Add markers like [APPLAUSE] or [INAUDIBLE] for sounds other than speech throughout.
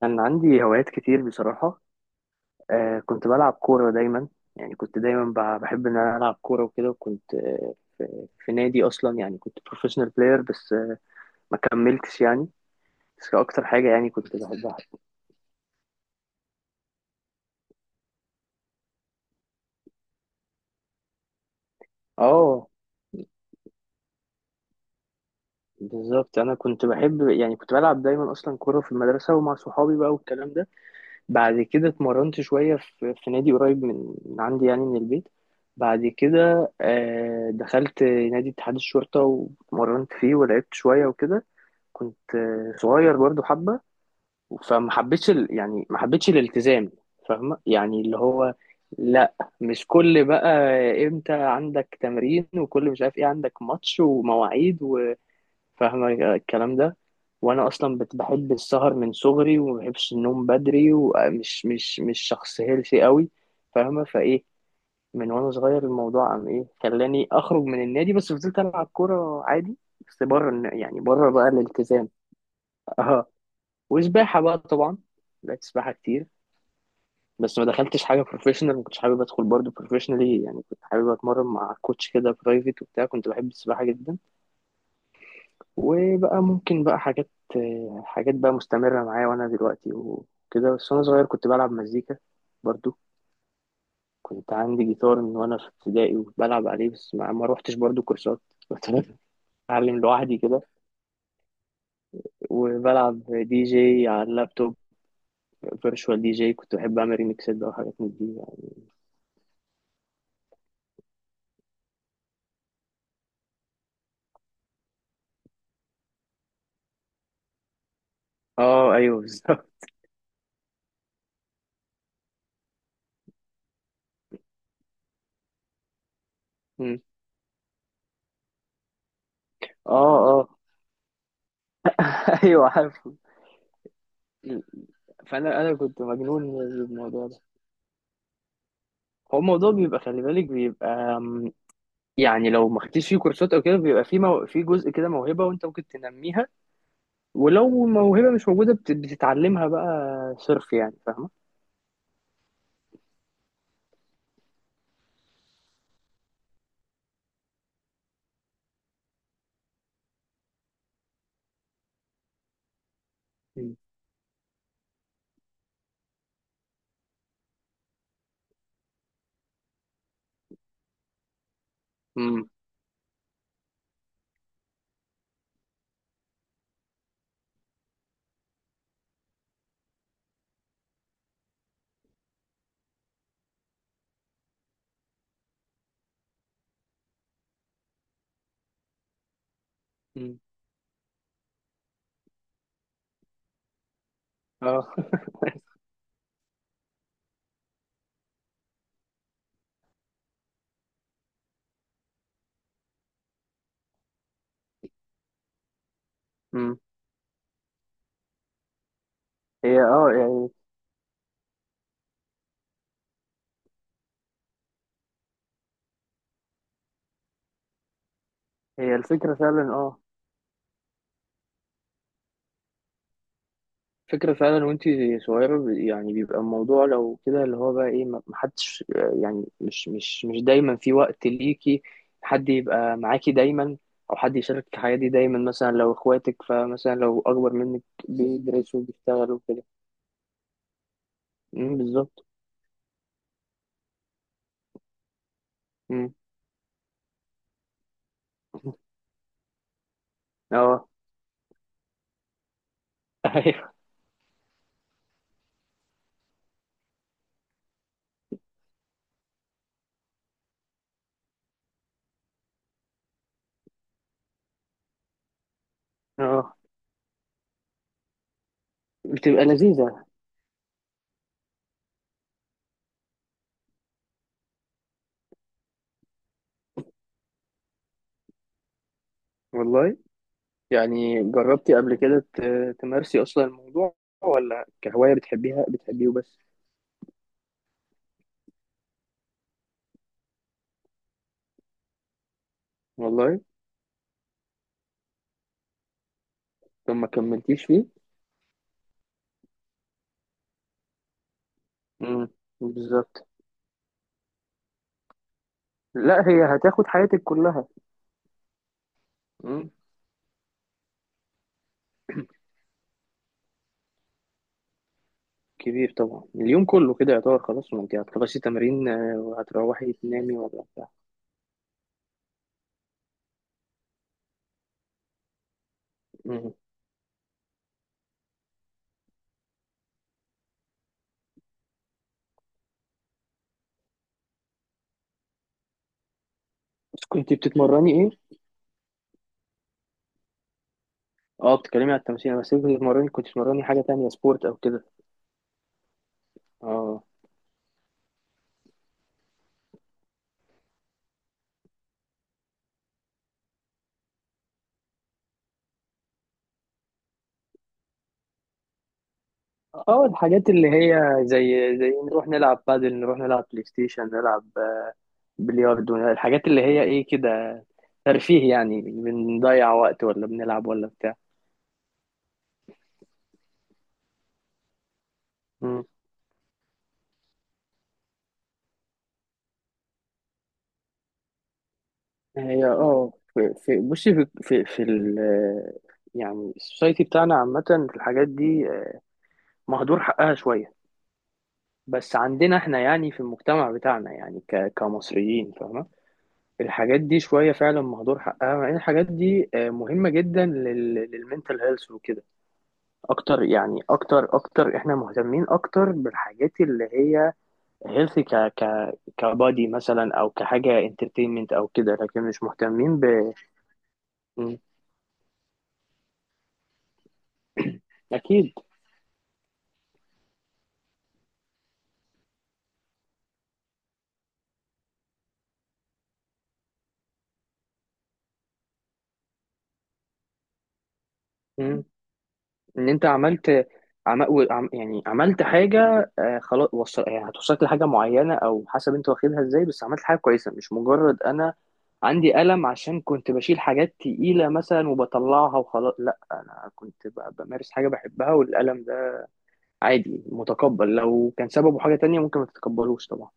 كان عندي هوايات كتير بصراحة. كنت بلعب كورة دايما، يعني كنت دايما بحب إن أنا ألعب كورة وكده، وكنت في نادي أصلا، يعني كنت بروفيشنال بلاير، بس ما كملتش يعني. بس أكتر حاجة يعني كنت بحبها. آه، بالظبط، أنا كنت بحب، يعني كنت بلعب دايما أصلا كورة في المدرسة ومع صحابي بقى والكلام ده. بعد كده اتمرنت شوية في نادي قريب من عندي، يعني من البيت. بعد كده دخلت نادي اتحاد الشرطة واتمرنت فيه ولعبت شوية وكده. كنت صغير برضو حبة، فما حبيتش يعني ما حبيتش الالتزام، فاهمة؟ يعني اللي هو لا، مش كل بقى امتى عندك تمرين وكل مش عارف ايه، عندك ماتش ومواعيد، وفاهمة الكلام ده. وانا اصلا بحب السهر من صغري وما بحبش النوم بدري، ومش مش مش شخص هيلثي قوي، فاهمة فايه؟ من وانا صغير الموضوع عم ايه خلاني اخرج من النادي، بس فضلت العب كورة عادي، بس بره يعني بره بقى الالتزام. [LAUGHS] وسباحة بقى طبعا. لعبت سباحة كتير، بس ما دخلتش حاجة بروفيشنال، ما كنتش حابب ادخل برضه بروفيشنالي، يعني كنت حابب اتمرن مع كوتش كده برايفت وبتاع. كنت بحب السباحة جدا. وبقى ممكن بقى حاجات، حاجات بقى مستمرة معايا وانا دلوقتي وكده. بس وانا صغير كنت بلعب مزيكا برضه. كنت عندي جيتار من وانا في ابتدائي وبلعب عليه، بس ما روحتش برضه كورسات [LAUGHS] كنت بتعلم لوحدي كده. وبلعب دي جي على اللابتوب، فيرتشوال دي جي، كنت بحب اعمل ريميكسات بقى وحاجات من دي يعني. اه، ايوه، بالظبط. مم. اه، اه، [LAUGHS] ايوه عارف. فانا كنت مجنون بالموضوع ده. هو الموضوع بيبقى، خلي بالك، بيبقى أم، يعني لو ما خدتيش فيه كورسات او كده، بيبقى فيه في جزء كده موهبه وانت ممكن تنميها، ولو موهبه مش موجوده بتتعلمها بقى صرف، يعني فاهمه. امم، امم، اه، [LAUGHS] امم. هي اه يعني هي الفكره فعلا، فكرة فعلا. وانت صغيرة يعني بيبقى الموضوع لو كده، اللي هو بقى ايه، محدش، يعني مش دايما في وقت ليكي، حد يبقى معاكي دايما، او حد يشارك في الحياة دي دايما، مثلا لو اخواتك، فمثلا لو اكبر منك بيدرسوا وبيشتغلوا وكده. امم، بالظبط. امم، اه، [LAUGHS] ايوه، اه، بتبقى لذيذة. والله، يعني جربتي قبل كده تمارسي اصلا الموضوع، ولا كهواية بتحبيها، بتحبيه بس؟ والله. طب ما كملتيش فيه؟ مم، بالظبط. لا، هي هتاخد حياتك كلها. مم. كبير طبعا، اليوم كله كده يعتبر خلاص، ما انت هتخلصي تمرين وهتروحي تنامي ولا بتاع. مم. بس كنت بتتمرني ايه؟ اه، بتتكلمي على التمثيل، بس كنت بتتمرني، حاجة تانية سبورت او كده؟ اه. اه، الحاجات اللي هي زي نروح نلعب بادل، نروح نلعب بلاي ستيشن، نلعب بلياردو، الحاجات اللي هي ايه كده، ترفيه يعني، بنضيع وقت ولا بنلعب ولا بتاع. هي في في بصي في في في ال يعني السوسايتي بتاعنا عامة، في الحاجات دي مهدور حقها شوية. بس عندنا احنا، يعني في المجتمع بتاعنا، يعني كمصريين، فاهمة، الحاجات دي شوية فعلا مهدور حقها، مع ان الحاجات دي مهمة جدا للمنتال هيلث وكده. اكتر، يعني اكتر اكتر احنا مهتمين اكتر بالحاجات اللي هي هيلث ك ك كبادي مثلا، او كحاجة انترتينمنت او كده، لكن مش مهتمين ب م، اكيد. ان انت عملت يعني عملت حاجه، خلاص يعني هتوصلك لحاجه معينه، او حسب انت واخدها ازاي، بس عملت حاجه كويسه، مش مجرد انا عندي قلم عشان كنت بشيل حاجات تقيله مثلا وبطلعها وخلاص. لا، انا كنت بمارس حاجه بحبها، والقلم ده عادي متقبل، لو كان سببه حاجه تانية ممكن ما تتقبلوش طبعا.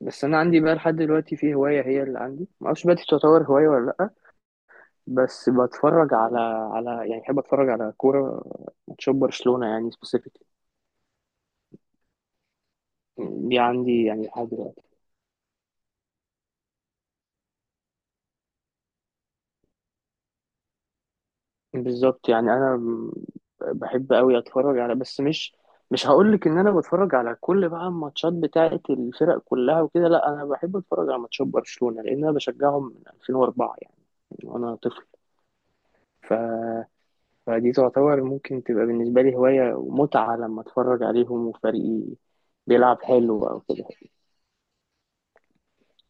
بس انا عندي بقى لحد دلوقتي في هوايه، هي اللي عندي، ما اعرفش بقى دي تعتبر هوايه ولا لا. بس بتفرج على، يعني بحب اتفرج على كوره، ماتشات برشلونه يعني سبيسيفيك. دي عندي يعني لحد دلوقتي. بالظبط، يعني انا بحب قوي اتفرج على، بس مش هقول لك ان انا بتفرج على كل بقى الماتشات بتاعه الفرق كلها وكده، لا، انا بحب اتفرج على ماتشات برشلونة لان انا بشجعهم من 2004، يعني من وانا طفل. ف... فدي تعتبر ممكن تبقى بالنسبة لي هواية ومتعة، لما اتفرج عليهم وفريقي بيلعب حلو او كده.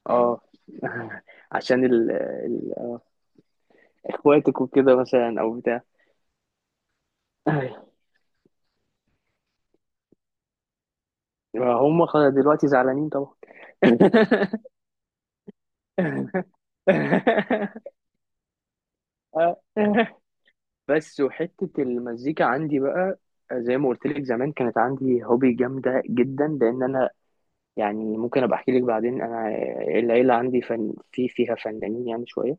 اه، [LAUGHS] عشان اخواتك وكده مثلا او بتاع. [LAUGHS] ما هم دلوقتي زعلانين طبعا. [LAUGHS] بس وحتة المزيكا عندي بقى، زي ما قلت لك زمان كانت عندي هوبي جامدة جدا، لأن أنا، يعني ممكن أبقى أحكي لك بعدين، أنا العيلة عندي فن، في فيها فنانين يعني شوية.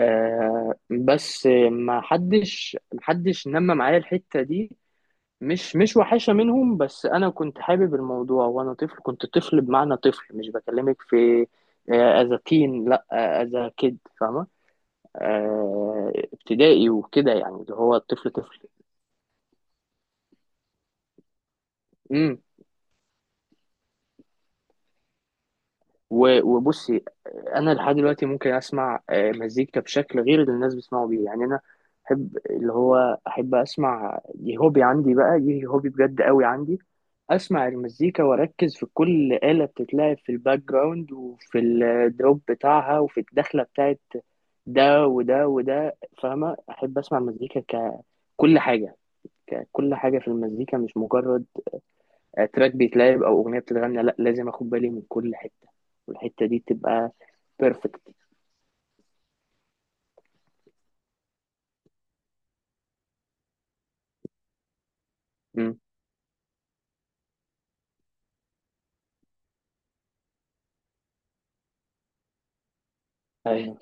بس ما حدش نمى معايا الحتة دي. مش وحشة منهم، بس أنا كنت حابب الموضوع، وأنا طفل، كنت طفل بمعنى طفل، مش بكلمك في أذا تين، لأ، أذا كيد، فاهمة؟ ابتدائي وكده يعني، اللي هو الطفل طفل. وبصي، انا لحد دلوقتي ممكن اسمع مزيكا بشكل غير اللي الناس بيسمعوا بيه، يعني انا احب اللي هو احب اسمع، دي هوبي عندي بقى، دي هوبي بجد قوي عندي. اسمع المزيكا واركز في كل آلة بتتلعب في الباك جراوند، وفي الدروب بتاعها، وفي الدخلة بتاعت ده وده وده، فاهمة، احب اسمع المزيكا ككل حاجة، ككل حاجة في المزيكا، مش مجرد تراك بيتلعب او اغنيه بتتغنى، لا، لازم اخد بالي من كل حته، والحته دي تبقى بيرفكت. ايوه.